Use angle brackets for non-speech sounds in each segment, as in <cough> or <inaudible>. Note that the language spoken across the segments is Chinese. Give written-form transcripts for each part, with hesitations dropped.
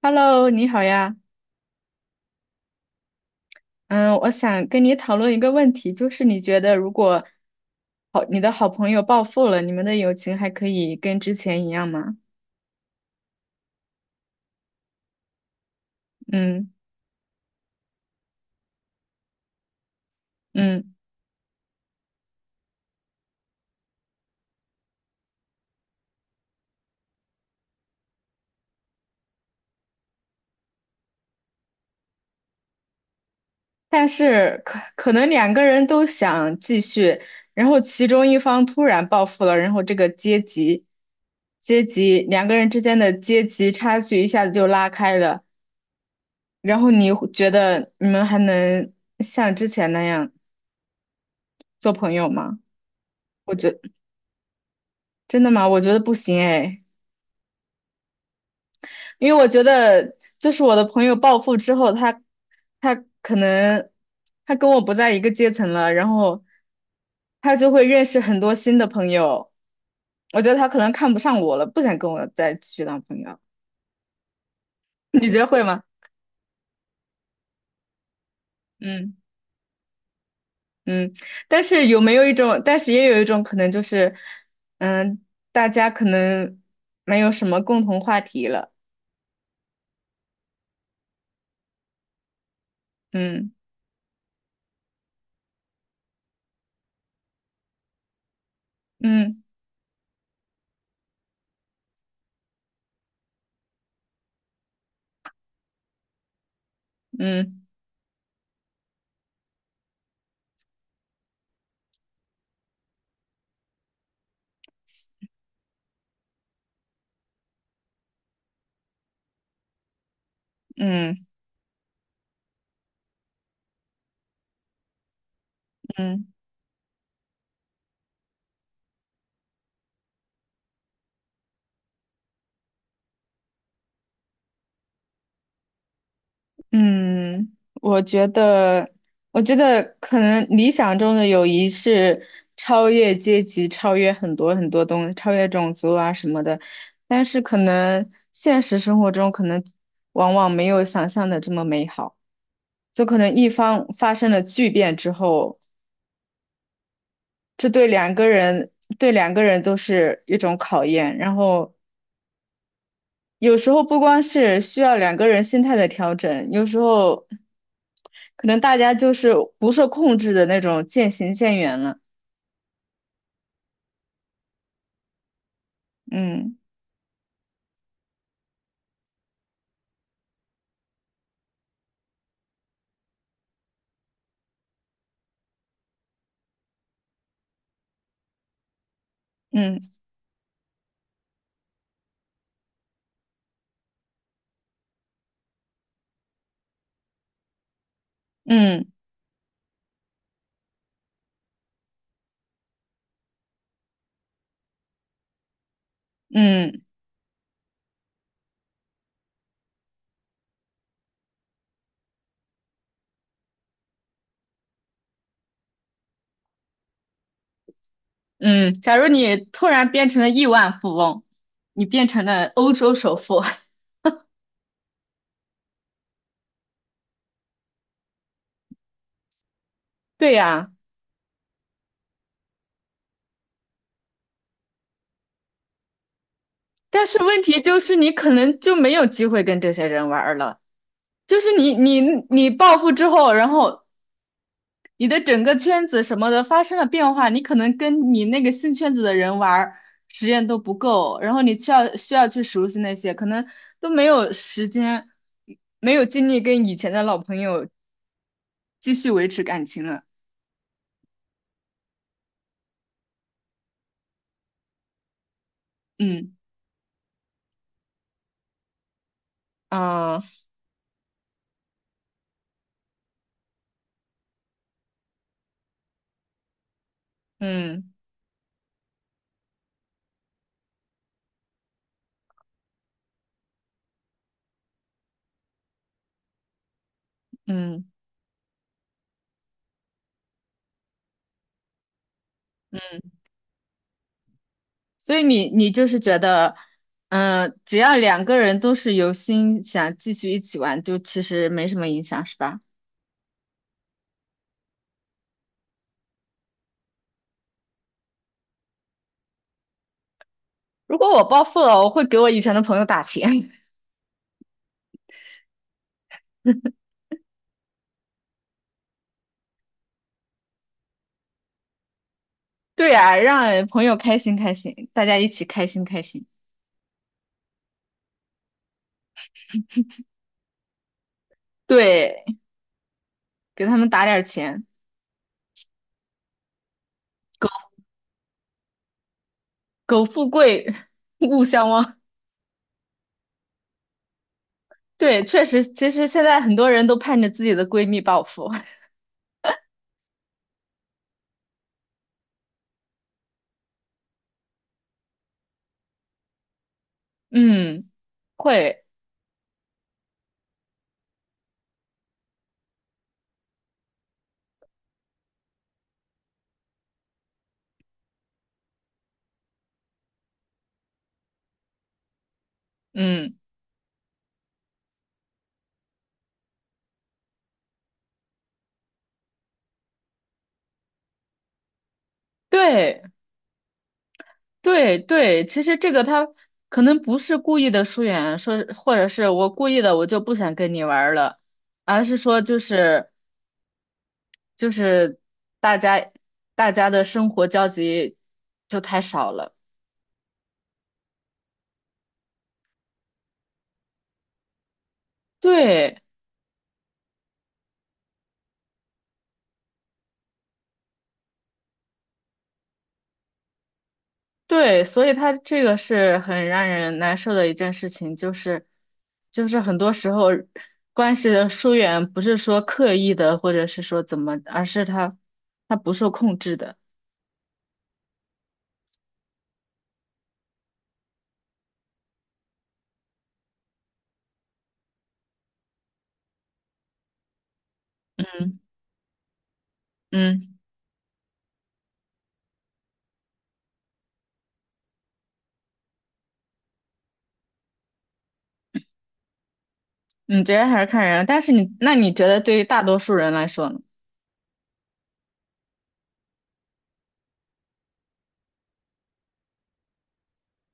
Hello，你好呀。嗯，我想跟你讨论一个问题，就是你觉得如果好，你的好朋友暴富了，你们的友情还可以跟之前一样吗？嗯，嗯，但是可能两个人都想继续，然后其中一方突然暴富了，然后这个阶级两个人之间的阶级差距一下子就拉开了，然后你会觉得你们还能像之前那样做朋友吗？我觉。真的吗？我觉得不行哎，因为我觉得就是我的朋友暴富之后，他可能他跟我不在一个阶层了，然后他就会认识很多新的朋友。我觉得他可能看不上我了，不想跟我再继续当朋友。<laughs> 你觉得会吗？嗯，嗯，但是有没有一种，但是也有一种可能就是，嗯，大家可能没有什么共同话题了。嗯，嗯，嗯，嗯，嗯。嗯，我觉得，我觉得可能理想中的友谊是超越阶级、超越很多很多东西、超越种族啊什么的，但是可能现实生活中可能往往没有想象的这么美好，就可能一方发生了巨变之后，这对两个人对两个人都是一种考验，然后有时候不光是需要两个人心态的调整，有时候可能大家就是不受控制的那种渐行渐远了。嗯，嗯，嗯，嗯，嗯，假如你突然变成了亿万富翁，你变成了欧洲首富，<laughs> 对呀，但是问题就是你可能就没有机会跟这些人玩儿了。就是你暴富之后，然后你的整个圈子什么的发生了变化，你可能跟你那个新圈子的人玩儿时间都不够，然后你需要去熟悉那些，可能都没有时间，没有精力跟以前的老朋友继续维持感情了。嗯，啊，嗯，嗯，所以你就是觉得，嗯、只要两个人都是有心想继续一起玩，就其实没什么影响，是吧？如果我暴富了，我会给我以前的朋友打钱。对啊，让朋友开心开心，大家一起开心开心。对，给他们打点儿钱，苟苟富贵，<laughs> 勿相忘。对，确实，其实现在很多人都盼着自己的闺蜜暴富。<laughs> 嗯，会，嗯，对，对，对。其实这个他可能不是故意的疏远，说或者是我故意的，我就不想跟你玩儿了，而是说就是大家大家的生活交集就太少了。对。对，所以他这个是很让人难受的一件事情，就是，就是很多时候关系的疏远不是说刻意的，或者是说怎么，而是他不受控制的。嗯，嗯，你觉得还是看人，但是你那你觉得对于大多数人来说呢？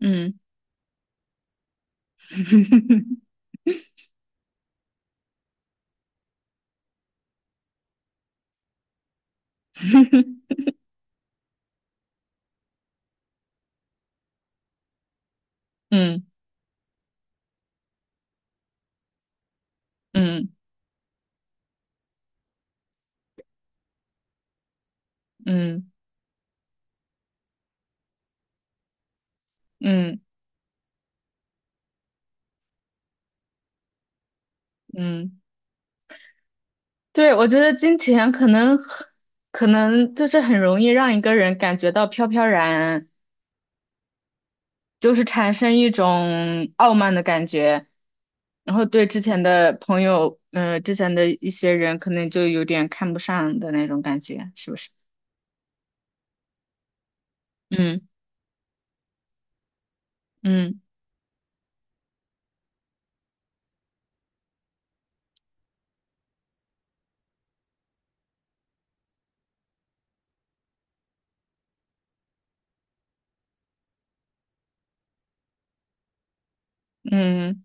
嗯 <laughs> 嗯，嗯，嗯，嗯，嗯，对，我觉得金钱可能就是很容易让一个人感觉到飘飘然。就是产生一种傲慢的感觉，然后对之前的朋友，嗯，之前的一些人可能就有点看不上的那种感觉，是不是？嗯，嗯，嗯，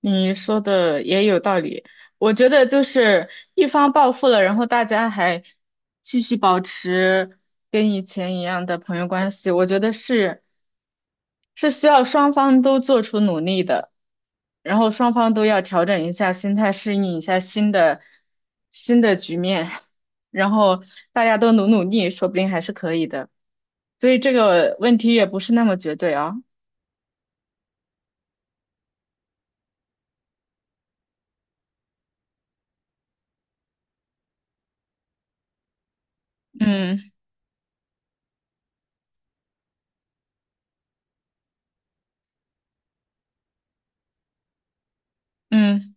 你说的也有道理，我觉得就是一方暴富了，然后大家还继续保持跟以前一样的朋友关系，我觉得是是需要双方都做出努力的，然后双方都要调整一下心态，适应一下新的局面，然后大家都努努力，说不定还是可以的。所以这个问题也不是那么绝对啊。嗯，嗯，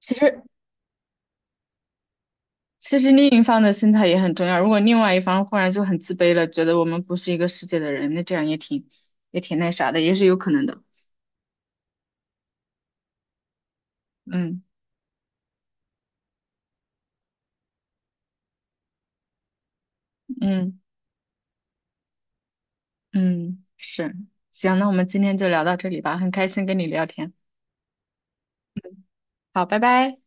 其实。其实另一方的心态也很重要。如果另外一方忽然就很自卑了，觉得我们不是一个世界的人，那这样也挺那啥的，也是有可能的。嗯，嗯，嗯，是。行，那我们今天就聊到这里吧，很开心跟你聊天。好，拜拜。